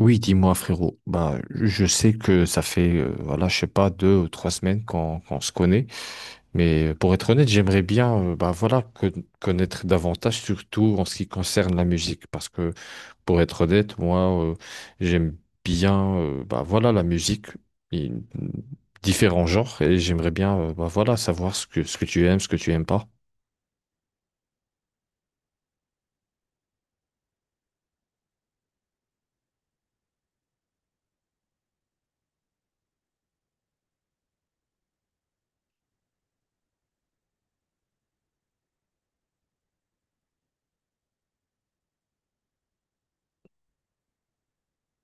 Oui, dis-moi frérot. Bah, je sais que ça fait, voilà, je sais pas, 2 ou 3 semaines qu'on se connaît. Mais pour être honnête, j'aimerais bien, bah voilà, connaître davantage, surtout en ce qui concerne la musique, parce que pour être honnête, moi, j'aime bien, bah voilà, la musique, et différents genres, et j'aimerais bien, bah voilà, savoir ce que tu aimes, ce que tu aimes pas.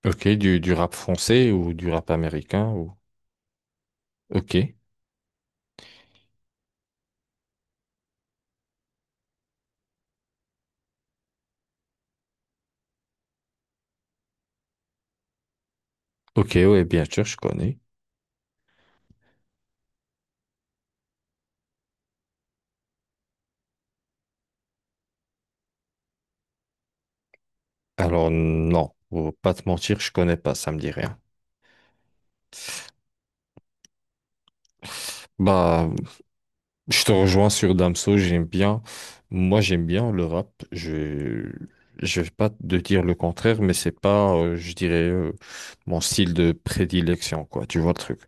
Ok, du rap français ou du rap américain ou. Ok, ok, ouais, bien sûr, je connais. Alors non, pour pas te mentir, je connais pas, ça me dit rien. Bah, je te rejoins sur Damso, j'aime bien. Moi, j'aime bien le rap. Je vais pas te dire le contraire, mais c'est pas, je dirais, mon style de prédilection, quoi. Tu vois le truc.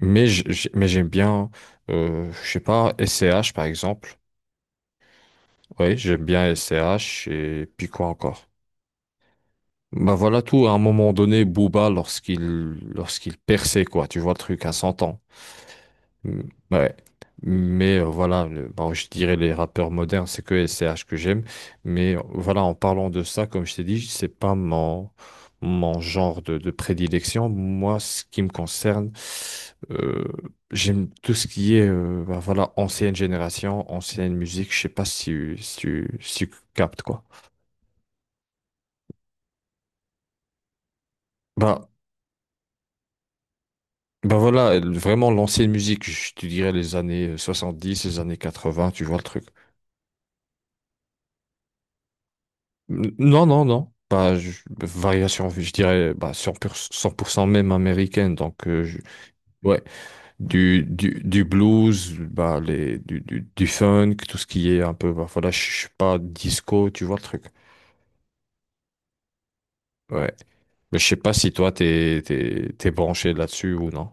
Mais j'aime bien, je sais pas, SCH par exemple. Oui, j'aime bien SCH et puis quoi encore. Bah voilà tout. À un moment donné, Booba lorsqu'il perçait, quoi. Tu vois le truc à 100 ans. Mm, ouais. Mais voilà, bon, je dirais les rappeurs modernes, c'est que SCH que j'aime. Mais voilà, en parlant de ça, comme je t'ai dit, c'est pas mon genre de prédilection. Moi, ce qui me concerne, euh, j'aime tout ce qui est bah, voilà, ancienne génération, ancienne musique. Je sais pas si tu captes quoi. Bah, bah, voilà, vraiment l'ancienne musique, je te dirais les années 70, les années 80. Tu vois le truc. Non, non, non. Bah, variation, je dirais bah, cent pour cent même américaine. Donc, ouais, du blues, bah, du funk, tout ce qui est un peu, bah, voilà, je sais pas, disco, tu vois le truc. Ouais. Mais je sais pas si toi, t'es branché là-dessus ou non.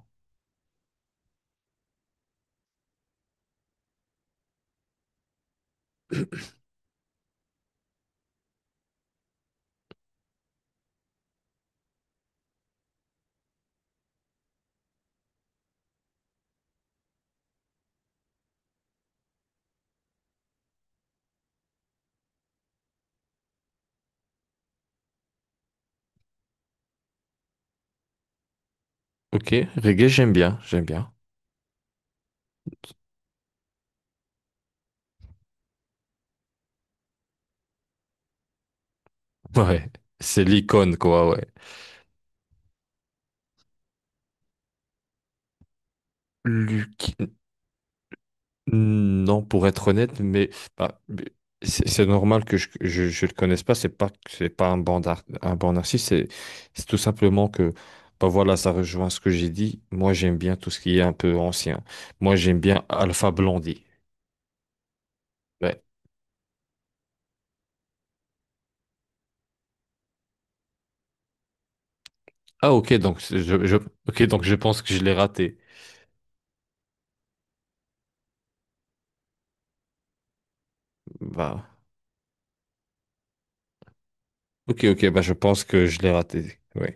Ok, reggae, j'aime bien, j'aime bien. Ouais, c'est l'icône, quoi, ouais. Luke. Non, pour être honnête, mais bah, c'est normal que je le connaisse pas. C'est pas que c'est pas un bon artiste. C'est tout simplement que bah voilà, ça rejoint ce que j'ai dit. Moi, j'aime bien tout ce qui est un peu ancien. Moi, j'aime bien Alpha Blondy. Ouais. Ah ok, donc c'est- je ok, donc je pense que je l'ai raté. Bah ok, ok, bah, je pense que je l'ai raté. Oui.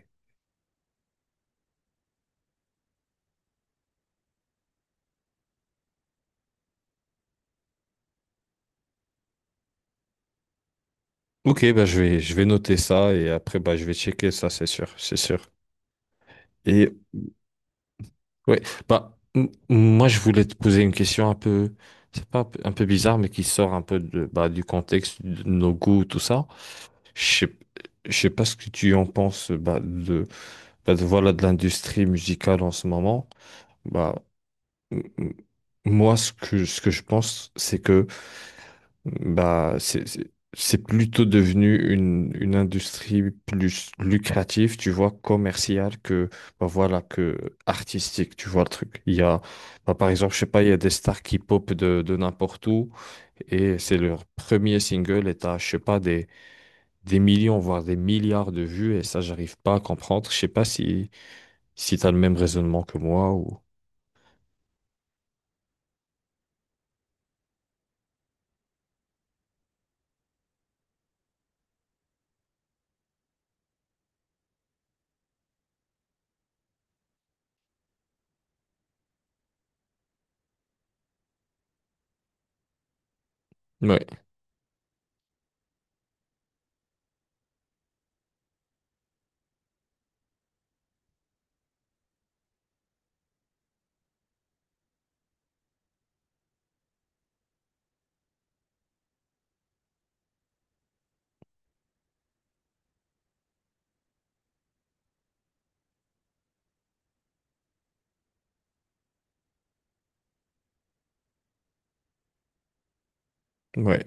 Ok, bah je vais noter ça et après bah je vais checker ça, c'est sûr, c'est sûr. Et. Oui, bah, moi je voulais te poser une question un peu, c'est pas un peu, un peu bizarre, mais qui sort un peu du contexte de nos goûts, tout ça. Je sais, je sais pas ce que tu en penses bah, de l'industrie musicale en ce moment. Bah, m- m- moi, ce que je pense, c'est que bah, c'est plutôt devenu une industrie plus lucrative, tu vois, commerciale que artistique, tu vois le truc. Il y a, bah, par exemple, je sais pas, il y a des stars qui popent de n'importe où et c'est leur premier single et t'as, je sais pas, des millions, voire des milliards de vues et ça, j'arrive pas à comprendre. Je sais pas si t'as le même raisonnement que moi ou. Ouais, ouais.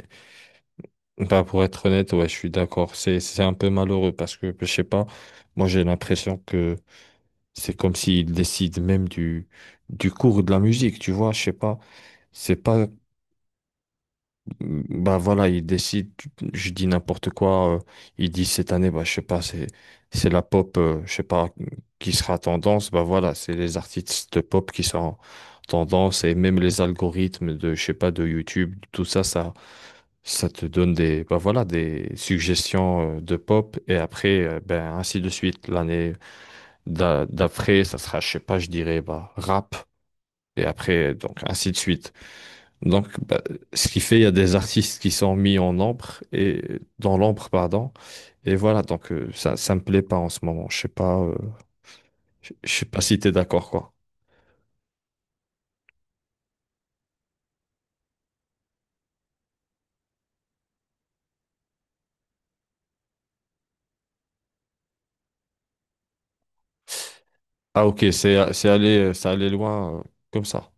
Bah, pour être honnête, ouais, je suis d'accord. C'est un peu malheureux parce que, je sais pas, moi j'ai l'impression que c'est comme s'ils décident même du cours de la musique, tu vois, je sais pas. C'est pas bah voilà, il décide, je dis n'importe quoi, il dit cette année, bah je sais pas, c'est la pop, je sais pas, qui sera tendance, bah voilà, c'est les artistes de pop qui sont tendance et même les algorithmes de, je sais pas, de YouTube, tout ça te donne des, bah voilà, des suggestions de pop et après, ben ainsi de suite, l'année d'après, ça sera, je sais pas, je dirais, bah rap et après, donc ainsi de suite. Donc, bah, ce qui fait, il y a des artistes qui sont mis en ombre et dans l'ombre, pardon. Et voilà, donc ça me plaît pas en ce moment. Je sais pas, je sais pas si t'es d'accord, quoi. Ah, ok, c'est allé loin comme ça.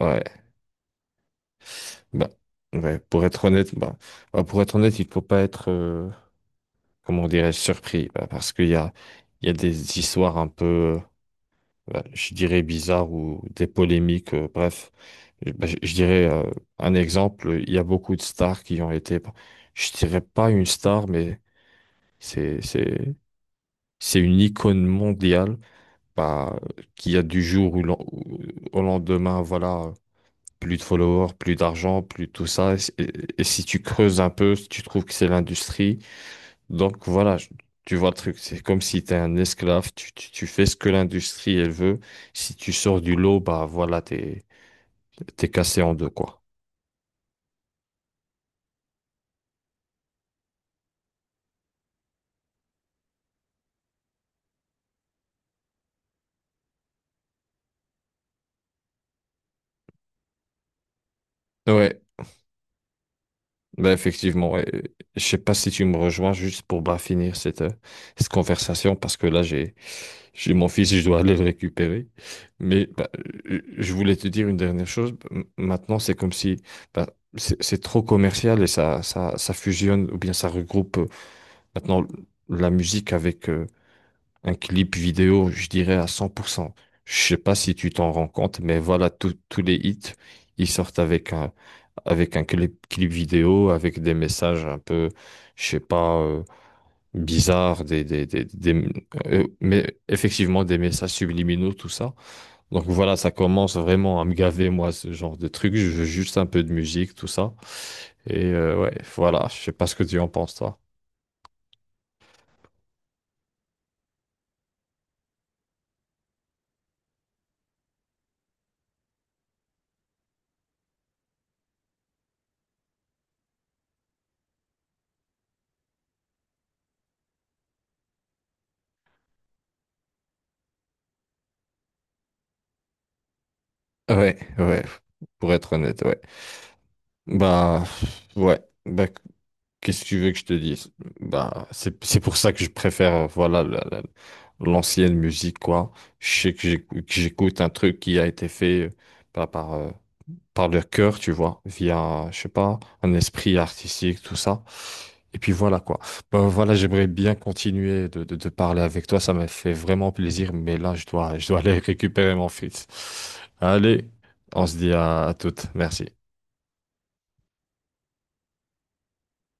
Ouais, bah, ouais, pour être honnête, bah, pour être honnête, il faut pas être, comment dirais-je, surpris, bah, parce qu'il y a, il y a des histoires un peu, euh, bah, je dirais bizarres ou des polémiques, bref. Eh ben, je dirais un exemple, il y a beaucoup de stars qui ont été, bah, je dirais pas une star, mais c'est c'est c'est une icône mondiale bah, qui a du jour au lendemain, voilà, plus de followers, plus d'argent, plus tout ça. Et si tu creuses un peu, tu trouves que c'est l'industrie. Donc voilà, tu vois le truc, c'est comme si tu es un esclave, tu fais ce que l'industrie elle veut. Si tu sors du lot, bah voilà, t'es cassé en deux, quoi. Ouais. Ben effectivement, ouais. Je sais pas si tu me rejoins juste pour bah, finir cette conversation parce que là j'ai mon fils je dois aller le récupérer. Mais bah, je voulais te dire une dernière chose. Maintenant c'est comme si bah, c'est trop commercial et ça fusionne ou bien ça regroupe maintenant la musique avec un clip vidéo, je dirais à 100%. Je sais pas si tu t'en rends compte, mais voilà, tous les hits, ils sortent avec un clip vidéo, avec des messages un peu, je sais pas, bizarres, mais effectivement des messages subliminaux, tout ça. Donc voilà, ça commence vraiment à me gaver, moi, ce genre de truc. Je veux juste un peu de musique, tout ça. Et ouais, voilà, je sais pas ce que tu en penses, toi. Ouais, ouais, pour être honnête, ouais. Bah, ouais. Bah, qu'est-ce que tu veux que je te dise? Bah, c'est pour ça que je préfère, voilà, l'ancienne musique, quoi. Je sais que que j'écoute un truc qui a été fait par, par, euh, par le cœur, tu vois, via, je sais pas, un esprit artistique, tout ça. Et puis voilà, quoi. Bah, voilà, j'aimerais bien continuer de parler avec toi. Ça m'a fait vraiment plaisir, mais là, je dois aller récupérer mon fils. Allez, on se dit à toutes. Merci.